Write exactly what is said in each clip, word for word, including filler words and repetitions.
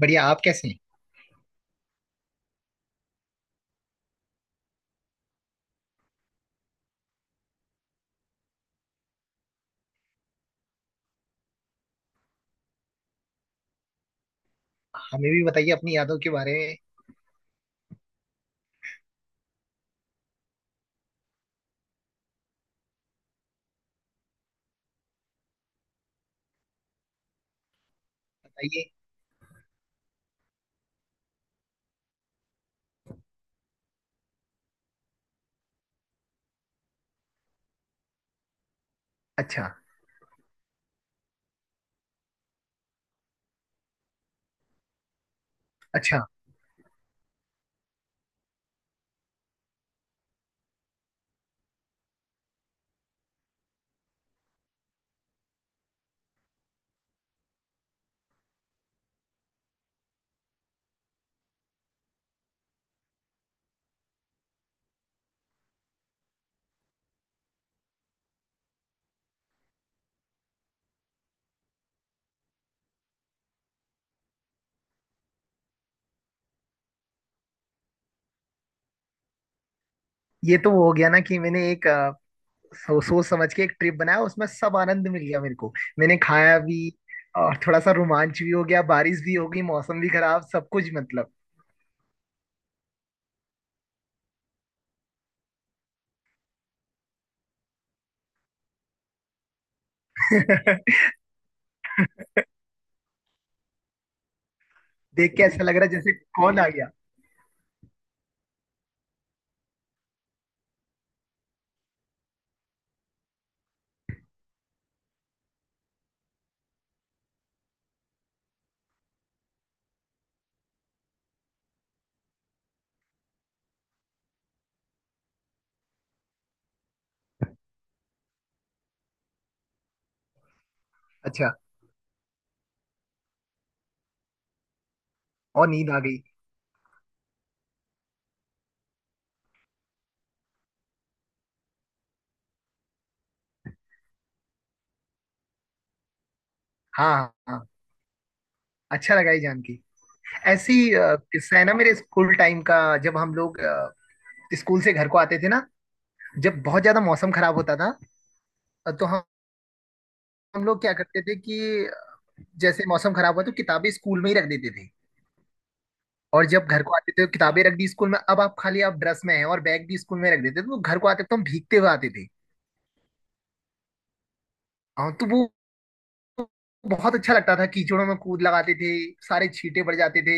बढ़िया। आप कैसे हैं। हमें भी बताइए अपनी यादों के बारे में। बताइए। अच्छा। अच्छा, ये तो हो गया ना कि मैंने एक अ, सो, सोच समझ के एक ट्रिप बनाया, उसमें सब आनंद मिल गया मेरे को। मैंने खाया भी और थोड़ा सा रोमांच भी हो गया, बारिश भी हो गई, मौसम भी खराब, सब कुछ मतलब। देख के ऐसा लग रहा है जैसे कौन आ गया। अच्छा। और नींद आ गई। हाँ हाँ हाँ, अच्छा लगा ये जान के। ऐसी अ, किस्सा है ना मेरे स्कूल टाइम का। जब हम लोग अ, स्कूल से घर को आते थे ना, जब बहुत ज्यादा मौसम खराब होता था तो हम लोग क्या करते थे कि जैसे मौसम खराब हुआ तो किताबें स्कूल में ही रख देते थे। और जब घर को आते थे तो किताबें रख दी स्कूल में, अब आप खाली, आप ड्रेस में हैं, और बैग भी स्कूल में रख देते थे तो घर को आते तो हम भीगते हुए आते थे। हाँ, तो वो बहुत अच्छा लगता था। कीचड़ों में कूद लगाते थे, सारे छींटे पड़ जाते थे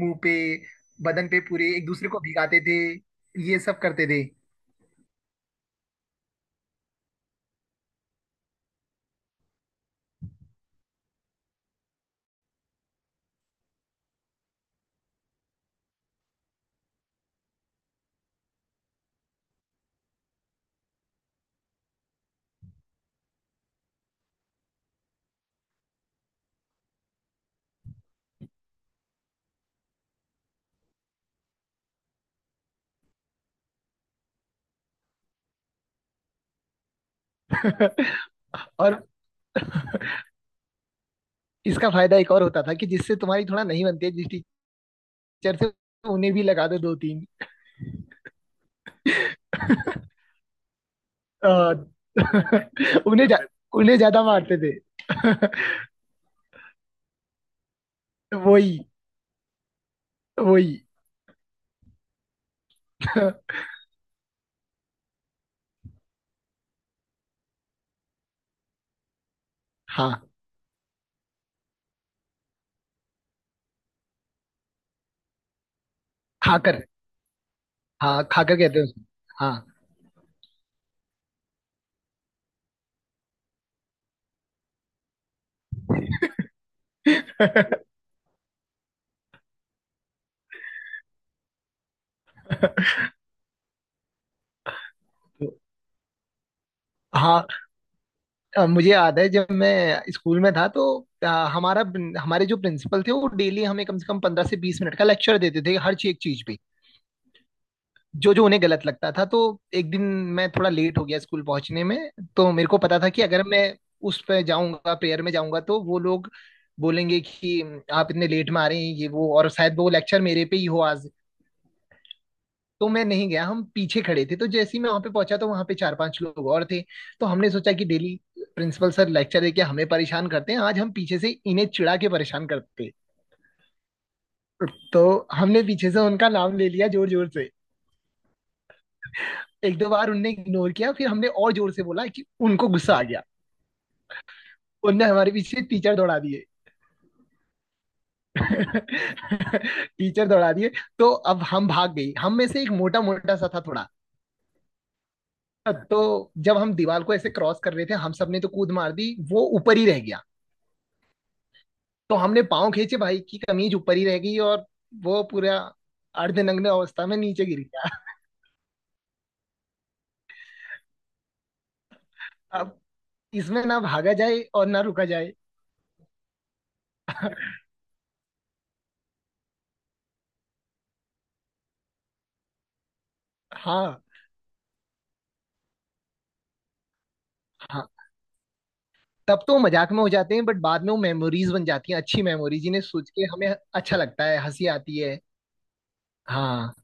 मुंह पे, बदन पे पूरे, एक दूसरे को भिगाते थे, ये सब करते थे। और इसका फायदा एक और होता था कि जिससे तुम्हारी थोड़ा नहीं बनती है, जिस टीचर से, उन्हें भी लगा दो दो तीन। आ, उन्हें जा, उन्हें ज्यादा मारते थे। वही। वही। हाँ खाकर। हाँ खाकर कहते हैं उसको। हाँ। तो, हाँ, अ, मुझे याद है जब मैं स्कूल में था तो, अ, हमारा हमारे जो प्रिंसिपल थे वो डेली हमें कम से कम पंद्रह से बीस मिनट का लेक्चर देते थे हर चीज, एक चीज पे, जो जो उन्हें गलत लगता था। तो एक दिन मैं थोड़ा लेट हो गया स्कूल पहुंचने में। तो मेरे को पता था कि अगर मैं उस पे जाऊंगा, प्रेयर में जाऊंगा, तो वो लोग बोलेंगे कि आप इतने लेट में आ रहे हैं ये वो, और शायद वो लेक्चर मेरे पे ही हो आज। तो मैं नहीं गया, हम पीछे खड़े थे। तो जैसे ही मैं वहां पे पहुंचा तो वहां पे चार पांच लोग और थे। तो हमने सोचा कि डेली प्रिंसिपल सर लेक्चर देके हमें परेशान करते हैं, आज हम पीछे से इन्हें चिढ़ा के परेशान करते हैं। तो हमने पीछे से उनका नाम ले लिया जोर जोर से। एक दो बार उनने इग्नोर किया, फिर हमने और जोर से बोला कि उनको गुस्सा आ गया। उनने हमारे पीछे टीचर दौड़ा दिए। टीचर दौड़ा दिए। तो अब हम भाग गए। हम में से एक मोटा मोटा सा था थोड़ा, तो जब हम दीवार को ऐसे क्रॉस कर रहे थे, हम सबने तो कूद मार दी, वो ऊपर ही रह गया। तो हमने पाँव खींचे, भाई की कमीज ऊपर ही रह गई और वो पूरा अर्धनग्न अवस्था में नीचे गिर गया। अब इसमें ना भागा जाए और ना रुका जाए। हाँ। हाँ, तब तो वो मजाक में हो जाते हैं, बट बाद में वो मेमोरीज बन जाती हैं, अच्छी मेमोरीज, जिन्हें सोच के हमें अच्छा लगता है, हंसी आती है। हाँ।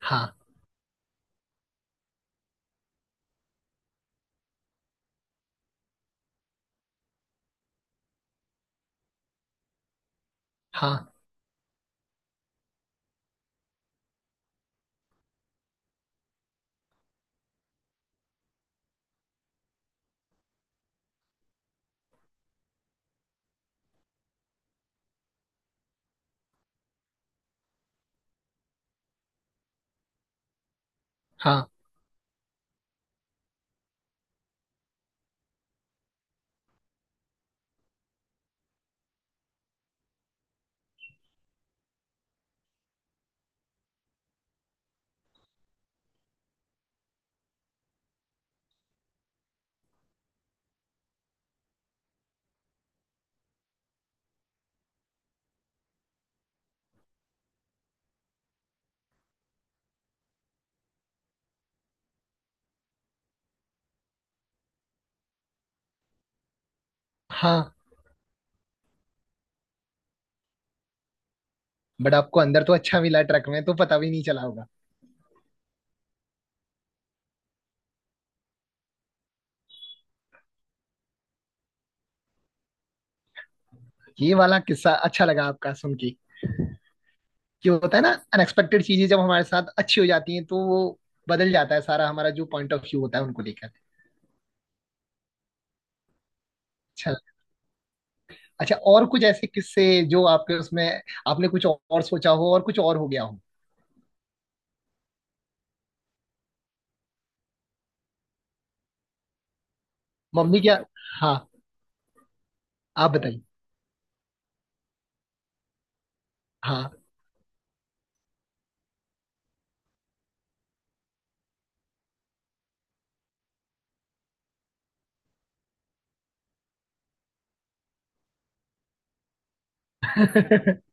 हाँ हाँ हाँ हाँ। बट आपको अंदर तो अच्छा मिला ट्रक में, तो पता भी नहीं चला होगा। ये वाला किस्सा अच्छा लगा आपका सुन के। क्यों, होता है ना, अनएक्सपेक्टेड चीजें जब हमारे साथ अच्छी हो जाती हैं तो वो बदल जाता है सारा, हमारा जो पॉइंट ऑफ व्यू होता है उनको लेकर। अच्छा। अच्छा, और कुछ ऐसे किस्से जो आपके उसमें, आपने कुछ और सोचा हो और कुछ और हो गया हो। मम्मी क्या। हाँ, आप बताइए। हाँ।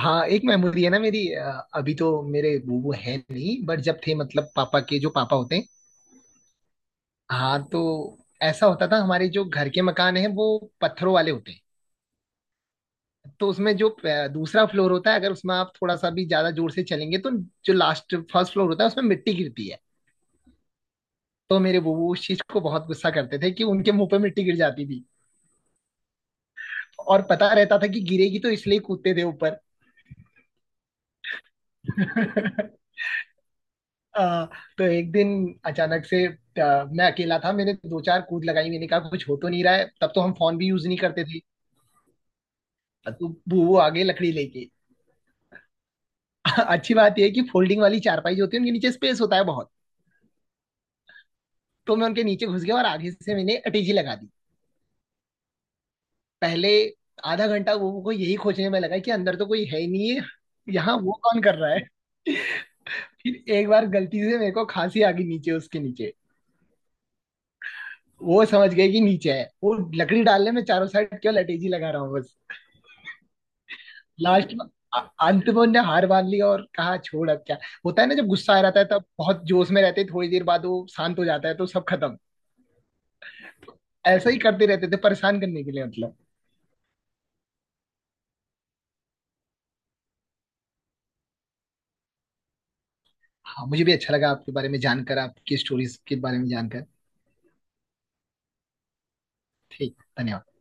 हाँ, एक मेमोरी है ना मेरी। अ, अभी तो मेरे बूबू है नहीं, बट जब थे, मतलब पापा के जो पापा होते हैं। हाँ, तो ऐसा होता था, हमारे जो घर के मकान है वो पत्थरों वाले होते हैं। तो उसमें जो अ, दूसरा फ्लोर होता है, अगर उसमें आप थोड़ा सा भी ज्यादा जोर से चलेंगे तो जो लास्ट फर्स्ट फ्लोर होता है उसमें मिट्टी गिरती है। तो मेरे बूबू उस चीज को बहुत गुस्सा करते थे कि उनके मुंह पे मिट्टी गिर जाती थी। और पता रहता था कि गिरेगी, तो इसलिए कूदते थे ऊपर। अ, तो एक दिन अचानक से, अ, मैं अकेला था, मैंने दो चार कूद लगाई, मैंने कहा कुछ हो तो नहीं रहा है। तब तो हम फोन भी यूज नहीं करते थे। तो वो वो आ गए लकड़ी लेके। अच्छी बात यह है कि फोल्डिंग वाली चारपाई जो होती है उनके नीचे स्पेस होता है बहुत। तो मैं उनके नीचे घुस गया और आगे से मैंने अटैची लगा दी। पहले आधा घंटा वो को यही खोजने में लगा कि अंदर तो कोई है ही नहीं है, यहाँ वो कौन कर रहा है। फिर एक बार गलती से मेरे को खांसी आ गई नीचे, उसके नीचे। वो समझ गए कि नीचे है वो। लकड़ी डालने में, चारों साइड केवल अटैची लगा रहा हूँ। लास्ट में, अ- अंत में उनने हार मान ली और कहा छोड़, अब क्या। होता है ना, जब गुस्सा आ जाता है तब बहुत जोश में रहते हैं, थोड़ी देर बाद वो शांत हो जाता है तो सब खत्म। ऐसा ही करते रहते थे परेशान करने के लिए मतलब। हाँ, मुझे भी अच्छा लगा आपके बारे में जानकर, आपकी स्टोरीज के बारे में जानकर। ठीक, धन्यवाद।